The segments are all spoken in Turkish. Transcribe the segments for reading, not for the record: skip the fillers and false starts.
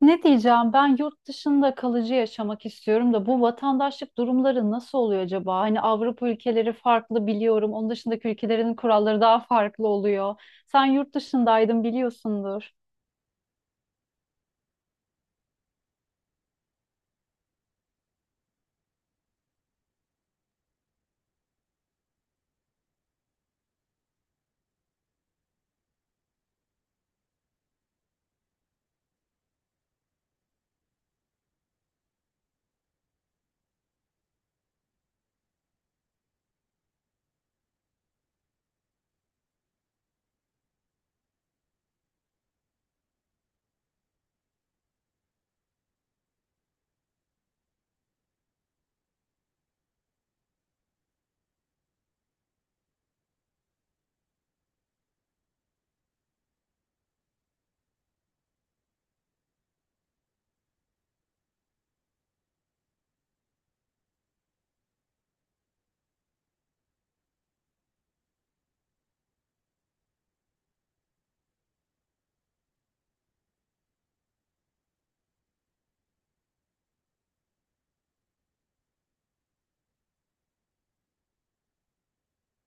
Ne diyeceğim, ben yurt dışında kalıcı yaşamak istiyorum da bu vatandaşlık durumları nasıl oluyor acaba? Hani Avrupa ülkeleri farklı biliyorum. Onun dışındaki ülkelerin kuralları daha farklı oluyor. Sen yurt dışındaydın, biliyorsundur.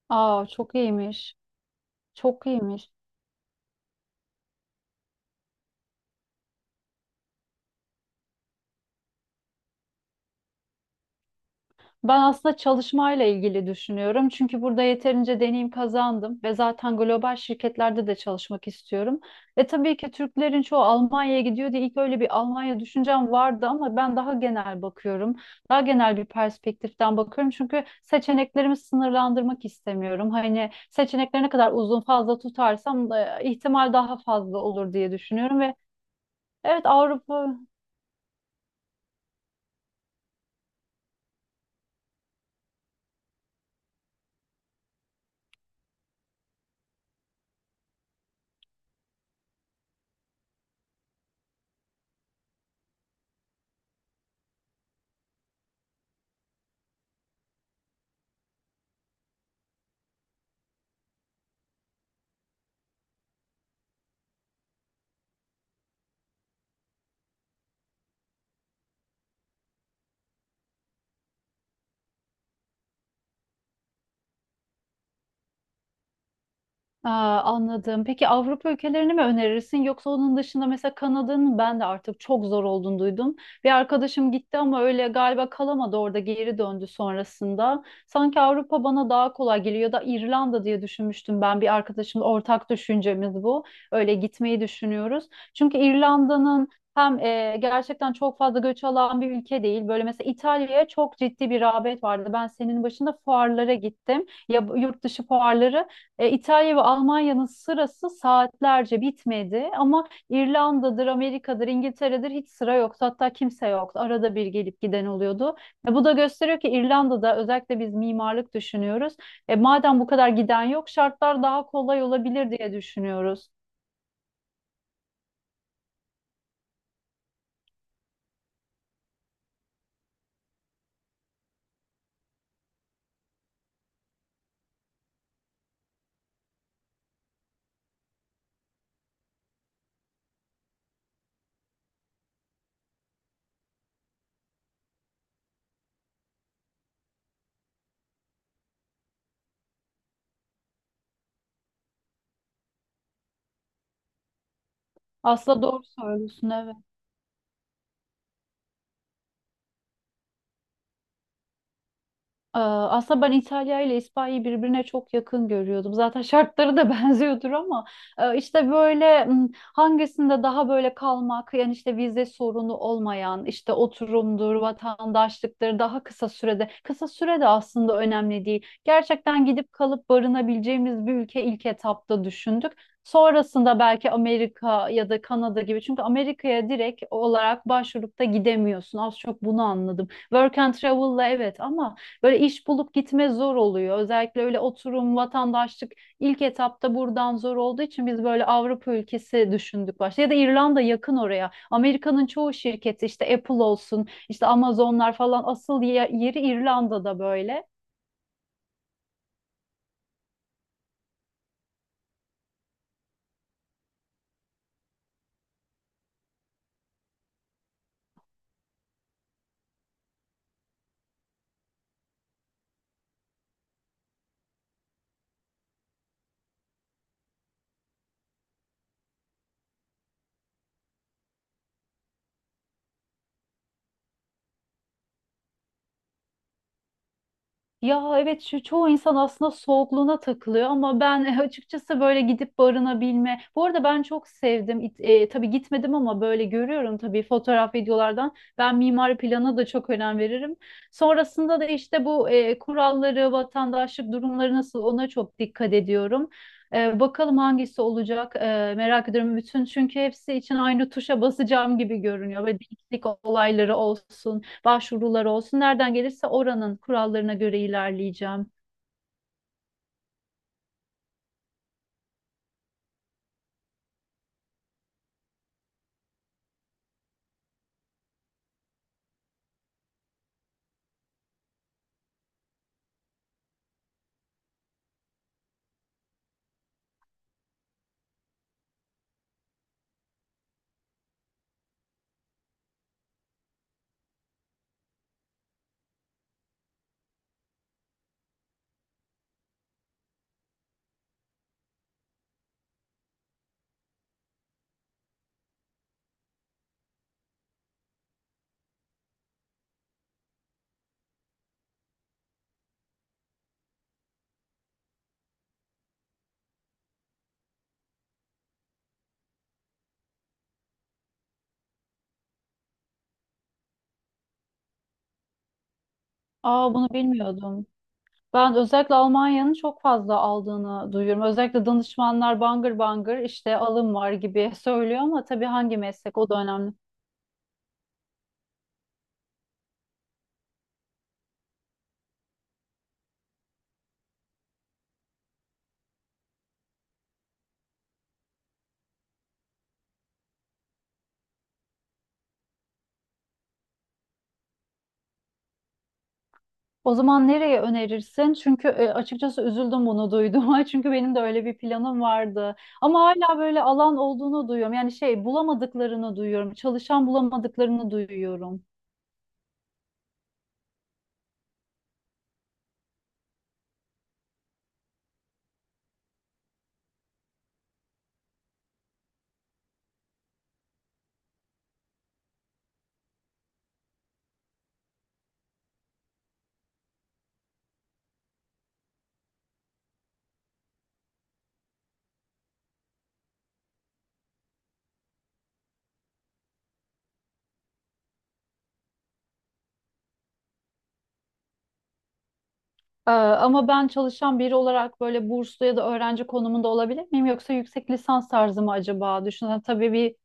Aa, çok iyiymiş. Çok iyiymiş. Ben aslında çalışmayla ilgili düşünüyorum. Çünkü burada yeterince deneyim kazandım ve zaten global şirketlerde de çalışmak istiyorum. E tabii ki Türklerin çoğu Almanya'ya gidiyor diye ilk öyle bir Almanya düşüncem vardı ama ben daha genel bakıyorum. Daha genel bir perspektiften bakıyorum. Çünkü seçeneklerimi sınırlandırmak istemiyorum. Hani seçenekleri ne kadar uzun fazla tutarsam ihtimal daha fazla olur diye düşünüyorum ve evet, Avrupa. Aa, anladım. Peki Avrupa ülkelerini mi önerirsin, yoksa onun dışında mesela Kanada'nın ben de artık çok zor olduğunu duydum. Bir arkadaşım gitti ama öyle galiba kalamadı, orada geri döndü sonrasında. Sanki Avrupa bana daha kolay geliyor ya da İrlanda diye düşünmüştüm, ben bir arkadaşımla ortak düşüncemiz bu. Öyle gitmeyi düşünüyoruz. Çünkü İrlanda'nın hem gerçekten çok fazla göç alan bir ülke değil. Böyle mesela İtalya'ya çok ciddi bir rağbet vardı. Ben senin başında fuarlara gittim. Ya, yurt dışı fuarları. İtalya ve Almanya'nın sırası saatlerce bitmedi ama İrlanda'dır, Amerika'dır, İngiltere'dir, hiç sıra yoktu. Hatta kimse yoktu. Arada bir gelip giden oluyordu. Bu da gösteriyor ki İrlanda'da özellikle biz mimarlık düşünüyoruz. Madem bu kadar giden yok, şartlar daha kolay olabilir diye düşünüyoruz. Aslında doğru söylüyorsun, evet. Aslında ben İtalya ile İspanya'yı birbirine çok yakın görüyordum. Zaten şartları da benziyordur ama işte böyle hangisinde daha böyle kalmak, yani işte vize sorunu olmayan, işte oturumdur, vatandaşlıktır daha kısa sürede. Kısa sürede aslında önemli değil. Gerçekten gidip kalıp barınabileceğimiz bir ülke ilk etapta düşündük. Sonrasında belki Amerika ya da Kanada gibi, çünkü Amerika'ya direkt olarak başvurup da gidemiyorsun. Az çok bunu anladım. Work and travel'la evet ama böyle iş bulup gitme zor oluyor. Özellikle öyle oturum, vatandaşlık ilk etapta buradan zor olduğu için biz böyle Avrupa ülkesi düşündük başta. Ya da İrlanda, yakın oraya. Amerika'nın çoğu şirketi işte Apple olsun, işte Amazonlar falan, asıl yeri İrlanda'da böyle. Ya evet, şu çoğu insan aslında soğukluğuna takılıyor ama ben açıkçası böyle gidip barınabilme. Bu arada ben çok sevdim. Tabii gitmedim ama böyle görüyorum, tabii fotoğraf videolardan. Ben mimari plana da çok önem veririm. Sonrasında da işte bu kuralları, vatandaşlık durumları nasıl, ona çok dikkat ediyorum. Bakalım hangisi olacak, merak ediyorum bütün, çünkü hepsi için aynı tuşa basacağım gibi görünüyor ve denklik olayları olsun, başvurular olsun. Nereden gelirse oranın kurallarına göre ilerleyeceğim. Aa, bunu bilmiyordum. Ben özellikle Almanya'nın çok fazla aldığını duyuyorum. Özellikle danışmanlar bangır bangır işte alım var gibi söylüyor ama tabii hangi meslek, o da önemli. O zaman nereye önerirsin? Çünkü açıkçası üzüldüm bunu duyduğuma. Çünkü benim de öyle bir planım vardı. Ama hala böyle alan olduğunu duyuyorum. Yani şey bulamadıklarını duyuyorum. Çalışan bulamadıklarını duyuyorum. Ama ben çalışan biri olarak böyle burslu ya da öğrenci konumunda olabilir miyim? Yoksa yüksek lisans tarzı mı acaba? Düşünün tabii bir...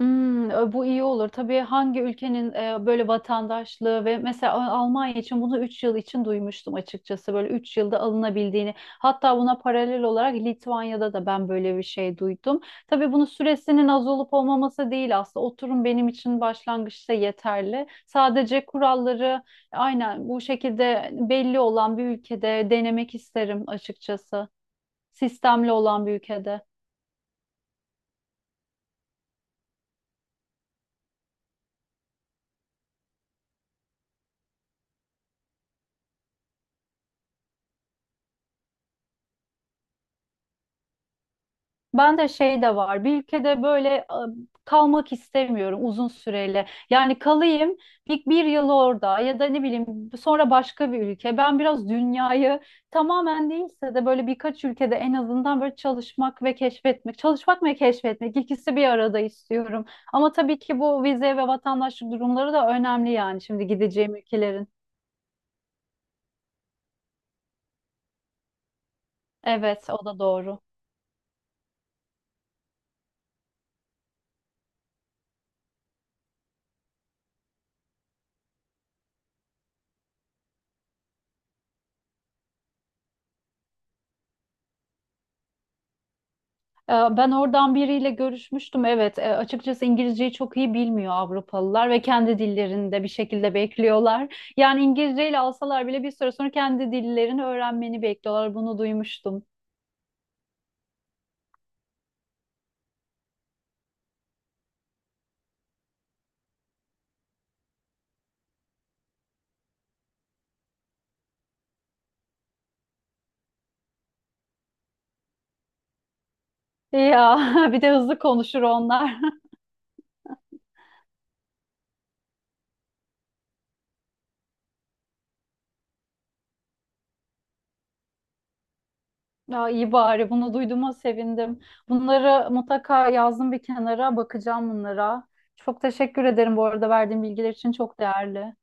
Hmm, bu iyi olur. Tabii hangi ülkenin böyle vatandaşlığı, ve mesela Almanya için bunu 3 yıl için duymuştum açıkçası. Böyle 3 yılda alınabildiğini. Hatta buna paralel olarak Litvanya'da da ben böyle bir şey duydum. Tabii bunun süresinin az olup olmaması değil aslında. Oturum benim için başlangıçta yeterli. Sadece kuralları aynen bu şekilde belli olan bir ülkede denemek isterim açıkçası. Sistemli olan bir ülkede. Ben de şey de var. Bir ülkede böyle kalmak istemiyorum uzun süreli. Yani kalayım bir yıl orada ya da ne bileyim, sonra başka bir ülke. Ben biraz dünyayı tamamen değilse de böyle birkaç ülkede en azından böyle çalışmak ve keşfetmek. Çalışmak ve keşfetmek, ikisi bir arada istiyorum. Ama tabii ki bu vize ve vatandaşlık durumları da önemli, yani şimdi gideceğim ülkelerin. Evet, o da doğru. Ben oradan biriyle görüşmüştüm. Evet, açıkçası İngilizceyi çok iyi bilmiyor Avrupalılar ve kendi dillerinde bir şekilde bekliyorlar. Yani İngilizceyle alsalar bile bir süre sonra kendi dillerini öğrenmeni bekliyorlar. Bunu duymuştum. Ya bir de hızlı konuşur onlar. Ya iyi, bari bunu duyduğuma sevindim. Bunları mutlaka yazdım bir kenara, bakacağım bunlara. Çok teşekkür ederim bu arada, verdiğin bilgiler için çok değerli.